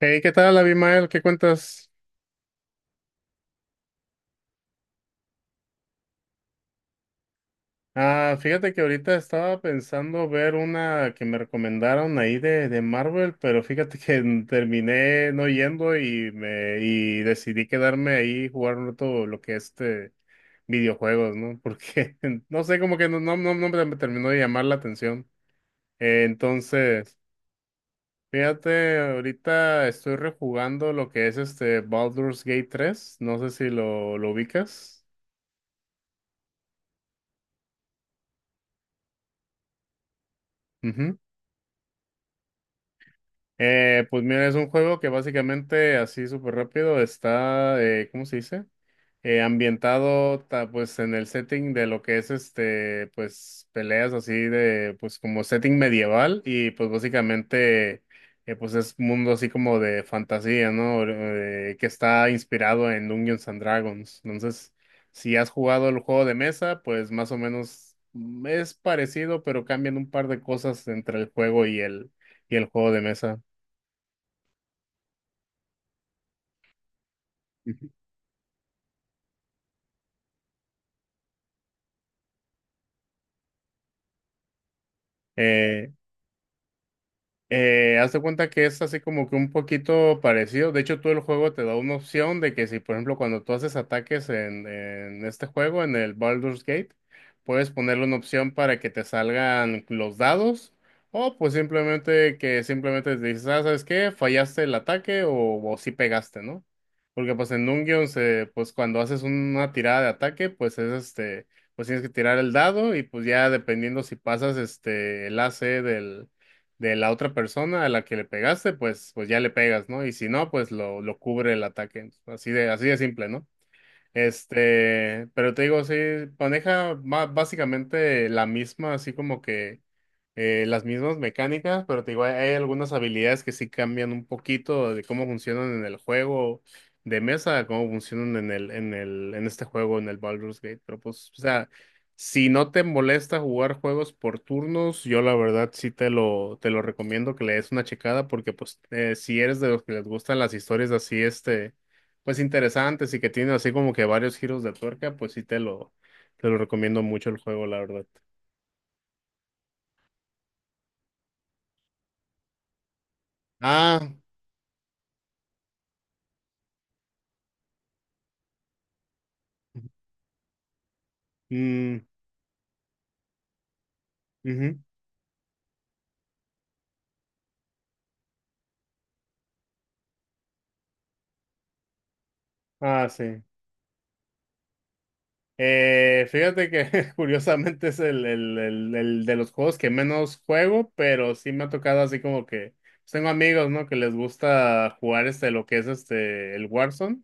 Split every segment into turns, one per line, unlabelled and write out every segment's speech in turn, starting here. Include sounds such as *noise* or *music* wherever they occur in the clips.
Hey, ¿qué tal, Abimael? ¿Qué cuentas? Ah, fíjate que ahorita estaba pensando ver una que me recomendaron ahí de Marvel, pero fíjate que *laughs* terminé no yendo y me y decidí quedarme ahí jugando todo lo que es este videojuegos, ¿no? Porque *laughs* no sé, como que no, no, no, no me terminó de llamar la atención. Entonces, fíjate, ahorita estoy rejugando lo que es este Baldur's Gate 3. No sé si lo ubicas. Pues mira, es un juego que básicamente así súper rápido está, ¿cómo se dice? Ambientado pues en el setting de lo que es este, pues peleas así de, pues como setting medieval y pues básicamente pues es un mundo así como de fantasía, ¿no? Que está inspirado en Dungeons and Dragons. Entonces, si has jugado el juego de mesa, pues más o menos es parecido, pero cambian un par de cosas entre el juego y el juego de mesa. Eh, Haz de cuenta que es así como que un poquito parecido. De hecho, tú el juego te da una opción de que si, por ejemplo, cuando tú haces ataques en este juego, en el Baldur's Gate, puedes ponerle una opción para que te salgan los dados o pues simplemente que simplemente te dices, ah, ¿sabes qué? Fallaste el ataque o sí pegaste, ¿no? Porque pues en Dungeons, pues cuando haces una tirada de ataque, pues es este, pues tienes que tirar el dado y pues ya dependiendo si pasas este, el AC del de la otra persona a la que le pegaste, pues ya le pegas, ¿no? Y si no, pues lo cubre el ataque. Así de simple, ¿no? Este, pero te digo, sí, maneja básicamente la misma, así como que las mismas mecánicas, pero te digo, hay algunas habilidades que sí cambian un poquito de cómo funcionan en el juego de mesa, a cómo funcionan en este juego, en el Baldur's Gate. Pero pues, o sea, si no te molesta jugar juegos por turnos, yo la verdad sí te lo recomiendo que le des una checada, porque pues si eres de los que les gustan las historias así, este pues interesantes y que tiene así como que varios giros de tuerca, pues sí te lo recomiendo mucho el juego, la verdad. Ah, mm, ujú. Ah, sí. Fíjate que *laughs* curiosamente es el de los juegos que menos juego, pero sí me ha tocado así como que pues, tengo amigos, ¿no? Que les gusta jugar este, lo que es este, el Warzone.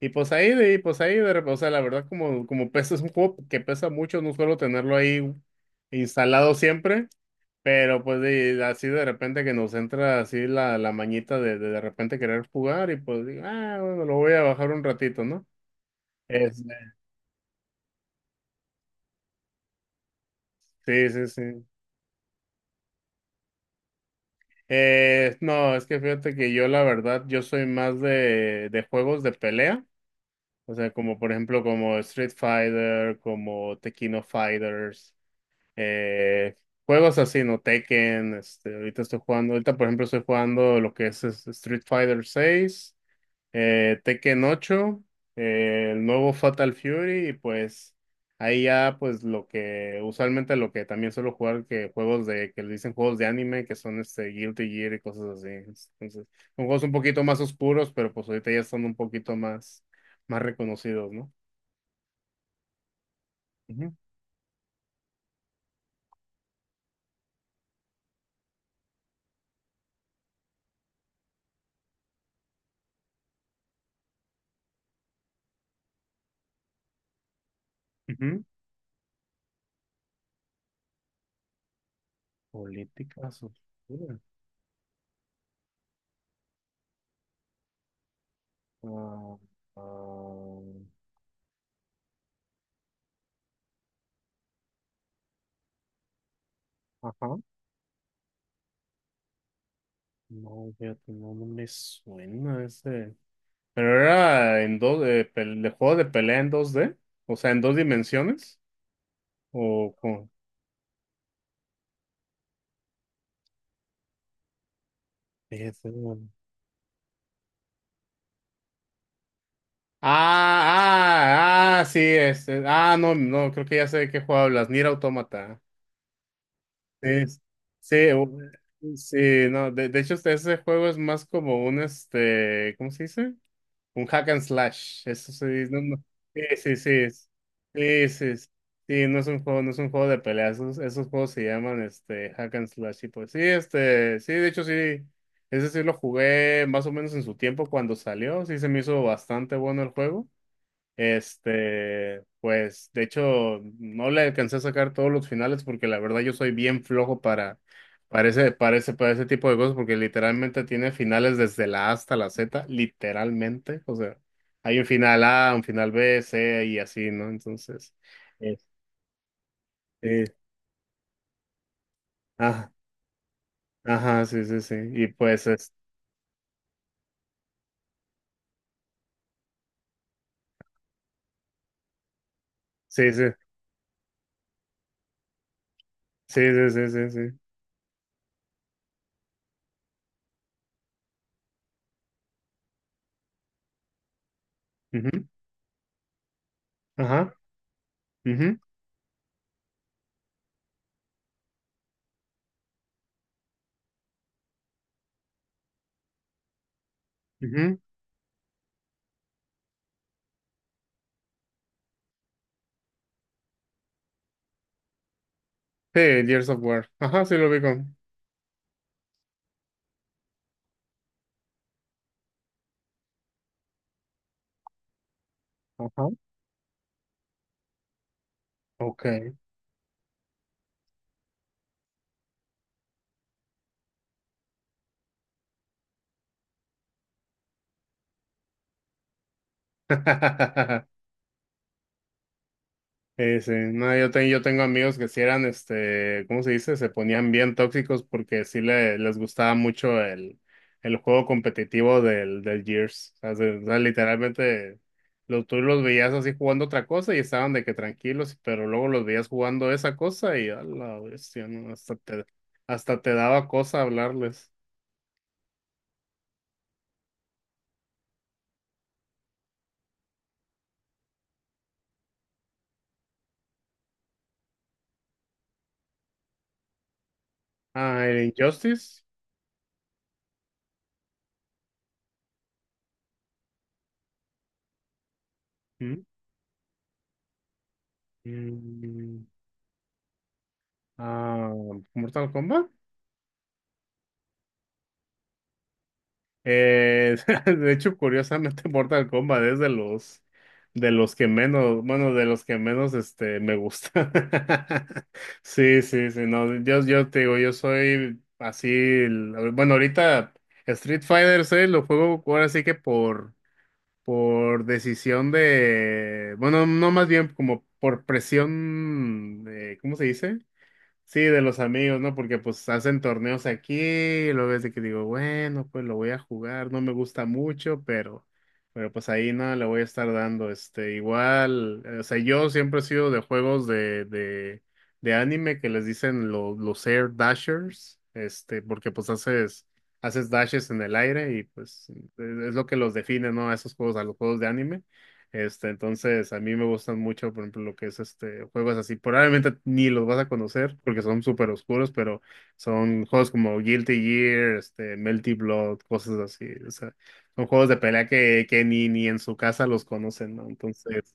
O sea, la verdad como pesa, es un juego que pesa mucho, no suelo tenerlo ahí instalado siempre. Pero pues así de repente que nos entra así la mañita de repente querer jugar y pues digo, ah, bueno, lo voy a bajar un ratito, ¿no? Es- sí, sí, sí. No, es que fíjate que yo la verdad, yo soy más de juegos de pelea, o sea, como por ejemplo como Street Fighter, como Tekkino Fighters, eh, juegos así, ¿no? Tekken, este, ahorita estoy jugando, ahorita por ejemplo estoy jugando lo que es Street Fighter 6, Tekken 8, el nuevo Fatal Fury y pues ahí ya pues lo que usualmente lo que también suelo jugar que juegos de que le dicen juegos de anime que son este Guilty Gear y cosas así. Entonces, son juegos un poquito más oscuros, pero pues ahorita ya son un poquito más reconocidos, ¿no? Ujú, ujú. Políticas oscuras. Ah, ah, ajá. No, fíjate, no, no me suena ese. Pero era en dos, de juego de pelea en dos d, o sea, en dos dimensiones, o con... Ah, ah, ah, sí, este, ah, no, no, creo que ya sé de qué juego hablas, Nier Automata. Es Sí, sí, no, de hecho, ese juego es más como un, este, ¿cómo se dice? Un hack and slash, eso sí, no, no. Sí, sí, sí, sí, sí, sí, sí, no es un juego, no es un juego de peleas, esos juegos se llaman este hack and slash y pues sí, este, sí, de hecho sí, ese sí lo jugué más o menos en su tiempo cuando salió, sí se me hizo bastante bueno el juego. Este, pues de hecho no le alcancé a sacar todos los finales porque la verdad yo soy bien flojo para ese tipo de cosas porque literalmente tiene finales desde la A hasta la Z, literalmente. O sea, hay un final A, un final B, C y así, ¿no? Entonces, este, ajá, ajá, sí, sí, sí. Y pues, sí, sí, sí, sí, sí, sí, sí. Ujú, ajá, ujú, ujú. Sí, Gears of War. Ajá, sí lo vi con. Ajá, ok. *laughs* Sí, sí. No, yo tengo amigos que sí eran, este, ¿cómo se dice? Se ponían bien tóxicos porque sí les gustaba mucho el juego competitivo del Gears. O sea, literalmente tú los veías así jugando otra cosa y estaban de que tranquilos, pero luego los veías jugando esa cosa y a la bestia, ¿no? Hasta te daba cosa hablarles. Ah, el Injustice. ¿Mm? Mm, ah, Mortal Kombat. Eh, *laughs* de hecho, curiosamente, Mortal Kombat es de los que menos, bueno, de los que menos este me gusta. *laughs* Sí, sí, sí, no, yo te digo, yo soy así, bueno, ahorita Street Fighter 6 lo juego ahora sí que por decisión de, bueno, no más bien como por presión, ¿cómo se dice? Sí, de los amigos, ¿no? Porque pues hacen torneos aquí, y luego es de que digo, bueno, pues lo voy a jugar, no me gusta mucho, pero, pues ahí no le voy a estar dando, este, igual, o sea, yo siempre he sido de juegos de anime que les dicen los air dashers, este, porque pues haces dashes en el aire y pues es lo que los define, ¿no? A esos juegos, a los juegos de anime. Este, entonces, a mí me gustan mucho, por ejemplo, lo que es este, juegos así. Probablemente ni los vas a conocer porque son súper oscuros, pero son juegos como Guilty Gear, este, Melty Blood, cosas así. O sea, son juegos de pelea que ni en su casa los conocen, ¿no? Entonces,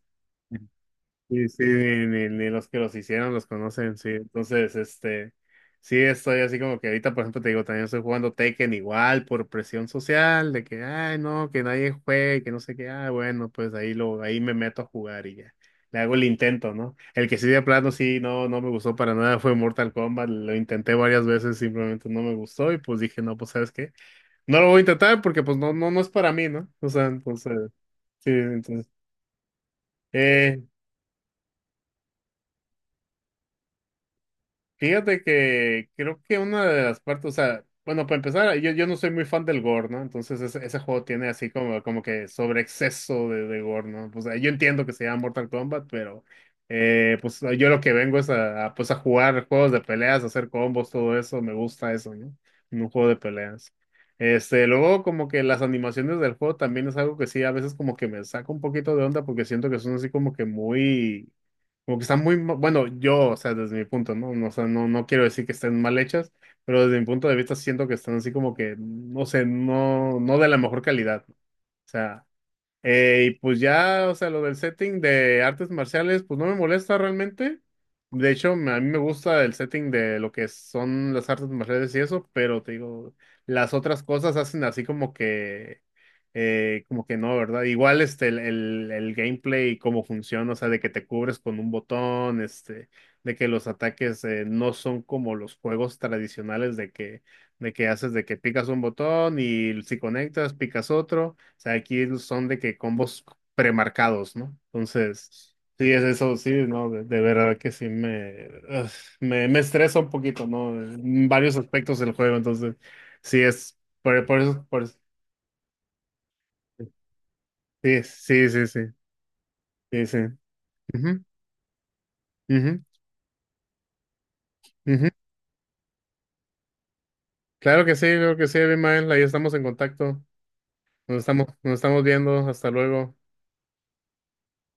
sí, sí, ni los que los hicieron los conocen, sí. Entonces, este, sí, estoy así como que ahorita, por ejemplo, te digo, también estoy jugando Tekken igual por presión social, de que, ay, no, que nadie juegue, que no sé qué, ah, bueno, pues ahí me meto a jugar y ya. Le hago el intento, ¿no? El que sí de plano sí, no, no me gustó para nada fue Mortal Kombat, lo intenté varias veces, simplemente no me gustó y pues dije, no, pues, ¿sabes qué? No lo voy a intentar porque pues no, no, no es para mí, ¿no? O sea, entonces, sí, entonces. eh, Fíjate que creo que una de las partes, o sea, bueno, para empezar, yo no soy muy fan del gore, ¿no? Entonces ese juego tiene así como, como que sobre exceso de gore, ¿no? Pues yo entiendo que se llama Mortal Kombat, pero pues yo lo que vengo es a, pues a jugar juegos de peleas, a hacer combos, todo eso, me gusta eso, ¿no? En un juego de peleas. Este, luego como que las animaciones del juego también es algo que sí, a veces como que me saca un poquito de onda porque siento que son así como que muy como que están muy, bueno, yo, o sea, desde mi punto, ¿no? No, o sea, no, no quiero decir que estén mal hechas, pero desde mi punto de vista siento que están así como que, no sé, no, no de la mejor calidad, ¿no? O sea, y pues ya, o sea, lo del setting de artes marciales, pues no me molesta realmente. De hecho, a mí me gusta el setting de lo que son las artes marciales y eso, pero te digo, las otras cosas hacen así como que no, ¿verdad? Igual este, el gameplay y cómo funciona, o sea, de que te cubres con un botón, este, de que los ataques no son como los juegos tradicionales de que, haces, de que picas un botón y si conectas, picas otro. O sea, aquí son de que combos premarcados, ¿no? Entonces, sí, es eso, sí, ¿no? De verdad que sí me estresa un poquito, ¿no? En varios aspectos del juego, entonces, sí es, por eso, sí, sí, sí, sí, sí, sí. Ujú, ujú, ujú. Claro que sí, creo que sí, Abimael, ahí estamos en contacto, nos estamos viendo, hasta luego.